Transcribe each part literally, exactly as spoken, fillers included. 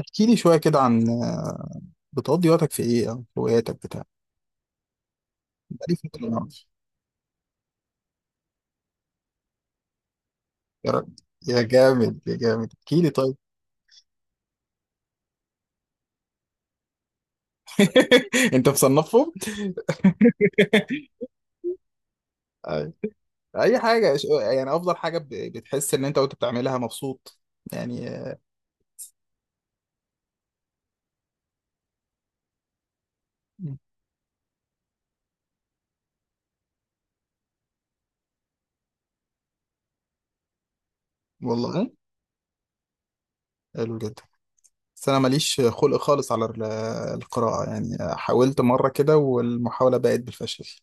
احكي لي شوية كده عن بتقضي وقتك في ايه او هواياتك بتاع. بقالي فترة ما اعرفش. يا راجل، يا جامد يا جامد، احكي لي طيب. انت مصنفهم؟ اي اي حاجة ش- يعني افضل حاجة ب- بتحس ان انت وانت بتعملها مبسوط، يعني آه، والله حلو جدا. بس انا ماليش خلق خالص على ال- القراءة يعني، حاولت مرة كده والمحاولة بقت بالفشل.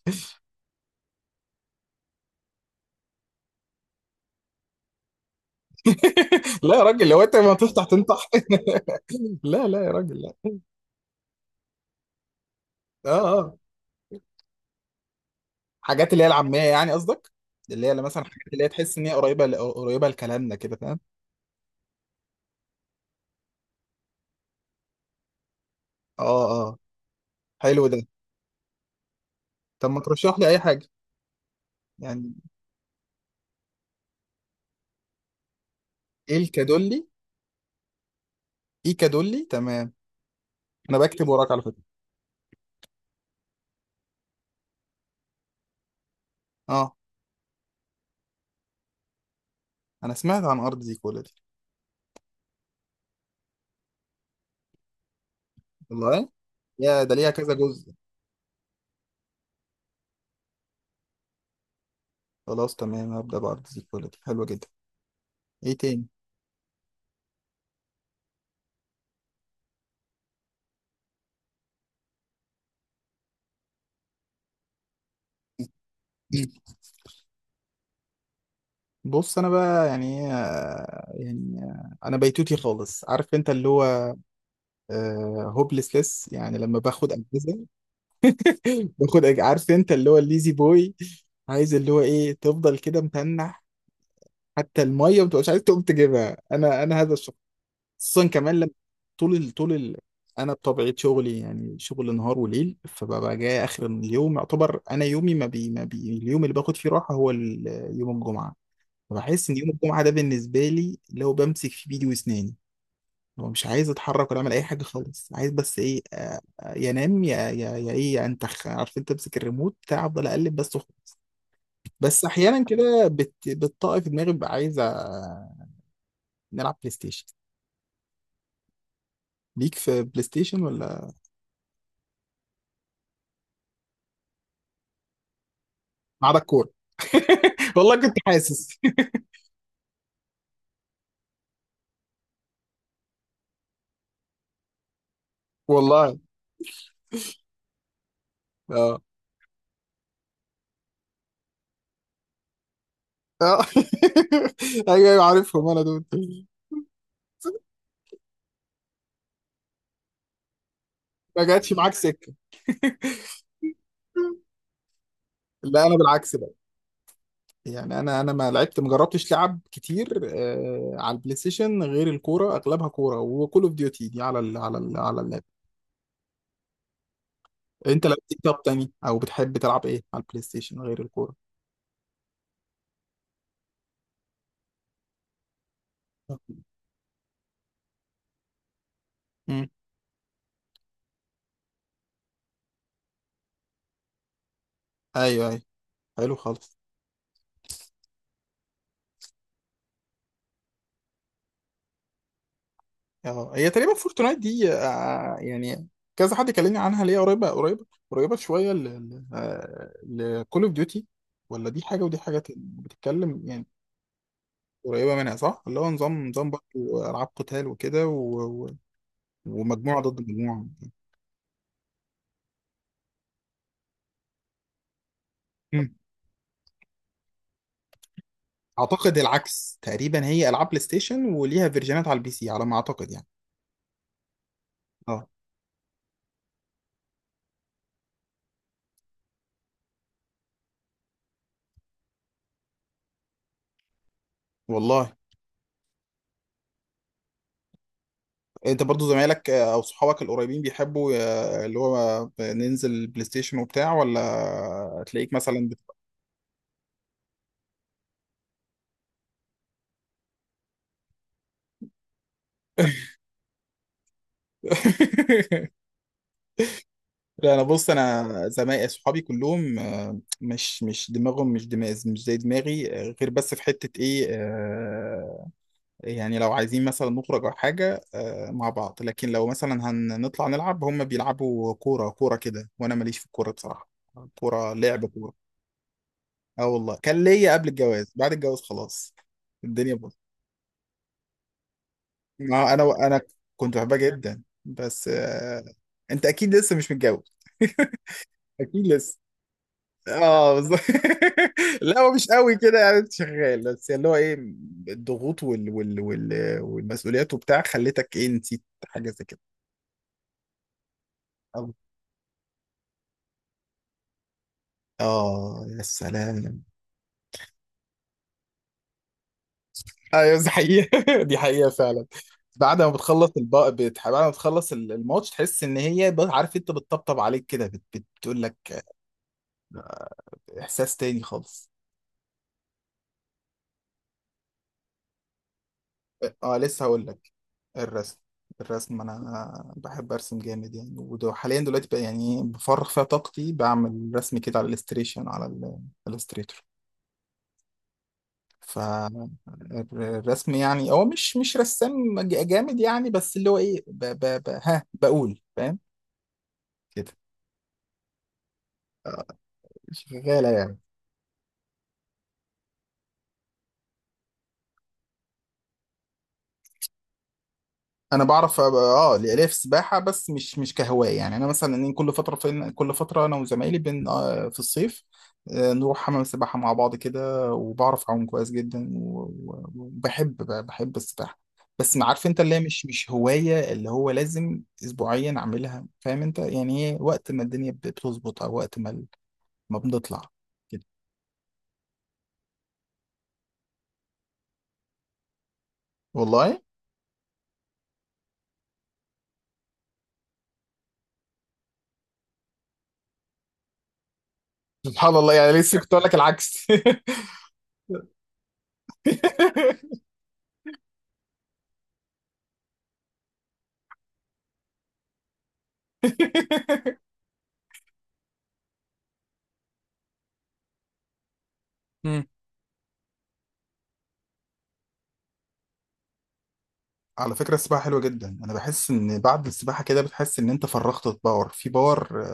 لا يا راجل، لو انت ما تفتح تنطح. لا لا يا راجل، لا. اه اه حاجات اللي هي العاميه يعني قصدك، اللي هي اللي مثلا حاجات اللي هي تحس ان هي قريبه ل- قريبه لكلامنا كده، فاهم؟ اه اه حلو ده. طب ما ترشح لي اي حاجه يعني. ايه الكادولي؟ ايه، كادولي، تمام. انا بكتب وراك على فكره. اه، انا سمعت عن ارض زيكولا دي. والله، يا ده ليها كذا جزء! خلاص تمام، هبدا بارض زيكولا دي، حلوه جدا. ايه تاني؟ مم. بص انا بقى يعني آه، يعني آه، انا بيتوتي خالص، عارف انت اللي هو هوبلسلس، يعني لما باخد اجهزه، باخد أج- عارف انت اللي هو الليزي بوي، عايز اللي هو ايه، تفضل كده متنح، حتى الميه ما تبقاش عايز تقوم تجيبها. انا انا هذا الشخص، خصوصا كمان لما طول ال... طول ال... انا بطبيعه شغلي يعني شغل نهار وليل، فببقى جاي اخر اليوم. يعتبر انا يومي ما بي... ما بي... اليوم اللي باخد فيه راحه هو ال- يوم الجمعه. فبحس ان يوم الجمعه ده بالنسبه لي لو بمسك في بيدي واسناني، هو مش عايز يتحرك ولا يعمل اي حاجه خالص، عايز بس ايه، آه، آه، ينام، يا يا يا ايه يا انتخ، عارف انت، تمسك الريموت بتاع، افضل اقلب بس وخلاص. بس احيانا كده بت... بتطاقي في دماغي، ببقى عايز آه، نلعب بلاي ستيشن. ليك في بلاي ستيشن ولا؟ ما عدا الكوره. والله كنت حاسس. والله. اه اه. ايوه ايوه، عارفهم انا دول. ما جاتش معاك سكه؟ لا انا بالعكس بقى، يعني انا انا ما لعبت ما جربتش لعب كتير آه على البلاي ستيشن غير الكوره، اغلبها كوره، وكول اوف ديوتي دي على ال على ال على اللاب. انت لعبت إيه طب تاني؟ او بتحب تلعب ايه على البلاي ستيشن غير الكوره؟ امم. ايوه ايوه، حلو خالص. اه، هي تقريبا فورتنايت دي آه يعني، كذا حد كلمني عنها، ليه قريبه قريبه قريبه شويه لكول اوف ديوتي؟ ولا دي حاجه ودي حاجه تاني؟ بتتكلم يعني. قريبه منها صح، اللي هو نظام، نظام برضه العاب قتال وكده، ومجموعه ضد مجموعه. مم. اعتقد العكس تقريبا، هي العاب بلاي ستيشن وليها فيرجنات على البي سي، على ما اعتقد يعني. اه والله. انت برضو زمايلك آه، او صحابك القريبين بيحبوا آه، اللي هو ننزل بلاي ستيشن وبتاع، ولا تلاقيك مثلا بت... لا انا، بص انا زمايلي صحابي كلهم آه، مش مش دماغهم، مش دماغ مش زي دماغي، آه، غير بس في حتة ايه، آه، يعني لو عايزين مثلا نخرج أو حاجة، آه، مع بعض. لكن لو مثلا هنطلع نلعب، هم بيلعبوا كورة كورة كده، وأنا ماليش في الكورة بصراحة. كورة لعب كورة. اه والله، كان ليا قبل الجواز، بعد الجواز خلاص الدنيا باظت. ما أنا أنا كنت بحبها جدا، بس آه، أنت أكيد لسه مش متجوز. أكيد لسه. اه بالظبط. لا هو مش قوي كده يعني، شغال بس اللي هو ايه، الضغوط وال... وال... وال... والمسؤوليات وبتاع، خلتك ايه، نسيت حاجه زي كده. اه يا سلام. ايوه دي حقيقة. دي حقيقة فعلا. بعد ما بتخلص الب... بت... بعد ما بتخلص ال- الماتش، تحس ان هي ب- عارف انت، بتطبطب عليك كده، بت... بت- بتقول لك، احساس تاني خالص. اه لسه هقول لك. الرسم. الرسم انا بحب ارسم جامد يعني، وحاليا دلوقتي بقى يعني بفرغ فيها طاقتي، بعمل رسم كده على الاستريشن، على الاستريتور. فالرسم يعني، هو مش مش رسام ج- جامد يعني، بس اللي هو ايه، ب... ب... ب... ها بقول، فاهم. شغالة يعني. أنا بعرف أبقى- أه ليا ليا في السباحة، بس مش مش كهواية يعني. أنا مثلا إن كل فترة، فين كل فترة، أنا وزمايلي بن آه، في الصيف آه، نروح حمام السباحة مع بعض كده، وبعرف أعوم كويس جدا و- و- وبحب ب- بحب السباحة. بس ما عارف أنت، اللي هي مش مش هواية اللي هو لازم أسبوعيا أعملها، فاهم أنت يعني. هي وقت ما الدنيا بت- بتظبط، أو وقت ما ال- ما بنطلع كده. والله. سبحان الله، يعني لسه كنت أقول لك العكس. على فكرة السباحة حلوة جدا. أنا بحس إن بعد السباحة كده بتحس إن أنت فرغت باور في باور،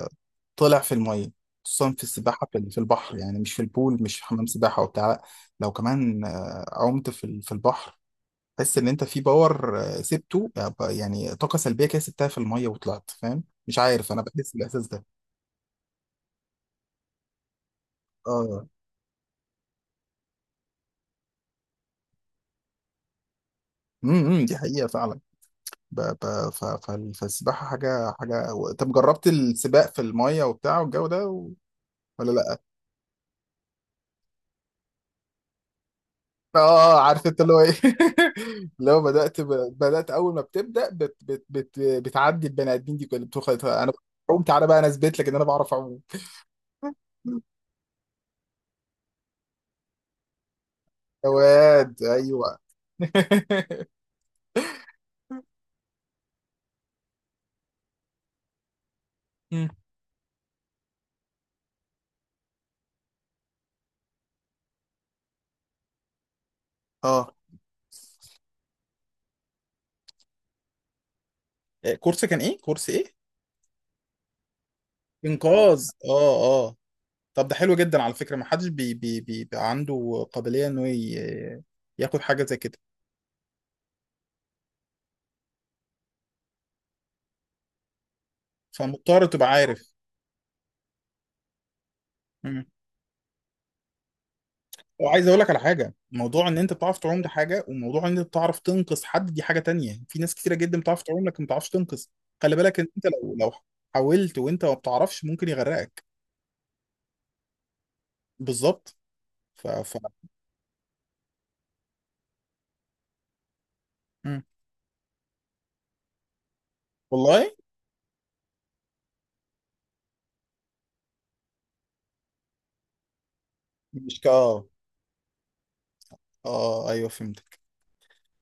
طلع في المية. خصوصا في السباحة في في البحر يعني، مش في البول، مش في حمام سباحة وبتاع، لأ. لو كمان آه، عمت في ال- في البحر، تحس إن أنت في باور آه، سبته، آه، ب- يعني طاقة سلبية كده سبتها في المية وطلعت، فاهم؟ مش عارف، أنا بحس بالإحساس ده. آه. امم إمم، دي حقيقة فعلا. ب- ب- ف- ف- فالسباحة حاجة حاجة. طب جربت السباق في المية وبتاع والجو ده و؟ ولا. اه عارف انت اللي هو ايه. لو بدات ب... بدات، اول ما بتبدا بت... بت... بت... بتعدي البني ادمين دي كلها بتقول خلاص انا بعرف اعوم، تعالى بقى انا اثبت لك ان انا بعرف اعوم. يا واد ايوه. مم. اه. إيه، كورس كان ايه؟ كورس ايه؟ انقاذ، اه اه. طب ده حلو جدا على فكره، ما حدش بي بي بيبقى عنده قابليه انه ي- ياخد حاجه زي كده، فمضطر تبقى عارف. وعايز اقول لك على حاجه، موضوع ان انت بتعرف تعوم ده حاجه، وموضوع ان انت بتعرف تنقذ حد دي حاجه تانية. في ناس كتيره جدا بتعرف تعوم لكن ما بتعرفش تنقذ. خلي بالك ان انت لو لو حاولت وانت ما بتعرفش، ممكن يغرقك. بالظبط. ف... ف... مم. والله. مش كا اه. آه، ايوه فهمتك.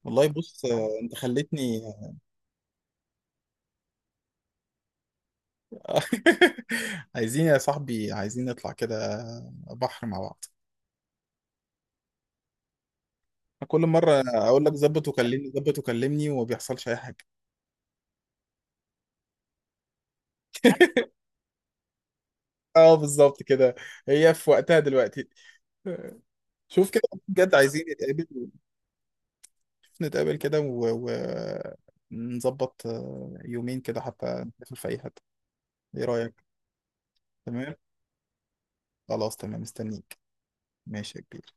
والله بص، آه، انت خلتني. عايزين يا صاحبي، عايزين نطلع كده بحر مع بعض. كل مره اقول لك ظبط وكلمني، ظبط وكلمني، وما بيحصلش اي حاجه. اه بالظبط كده، هي في وقتها دلوقتي، شوف كده. بجد عايزين نتقابل، نتقابل كده ونظبط يومين كده، حتى نسافر في اي حته. ايه رايك؟ تمام، خلاص تمام مستنيك. ماشي يا كبير.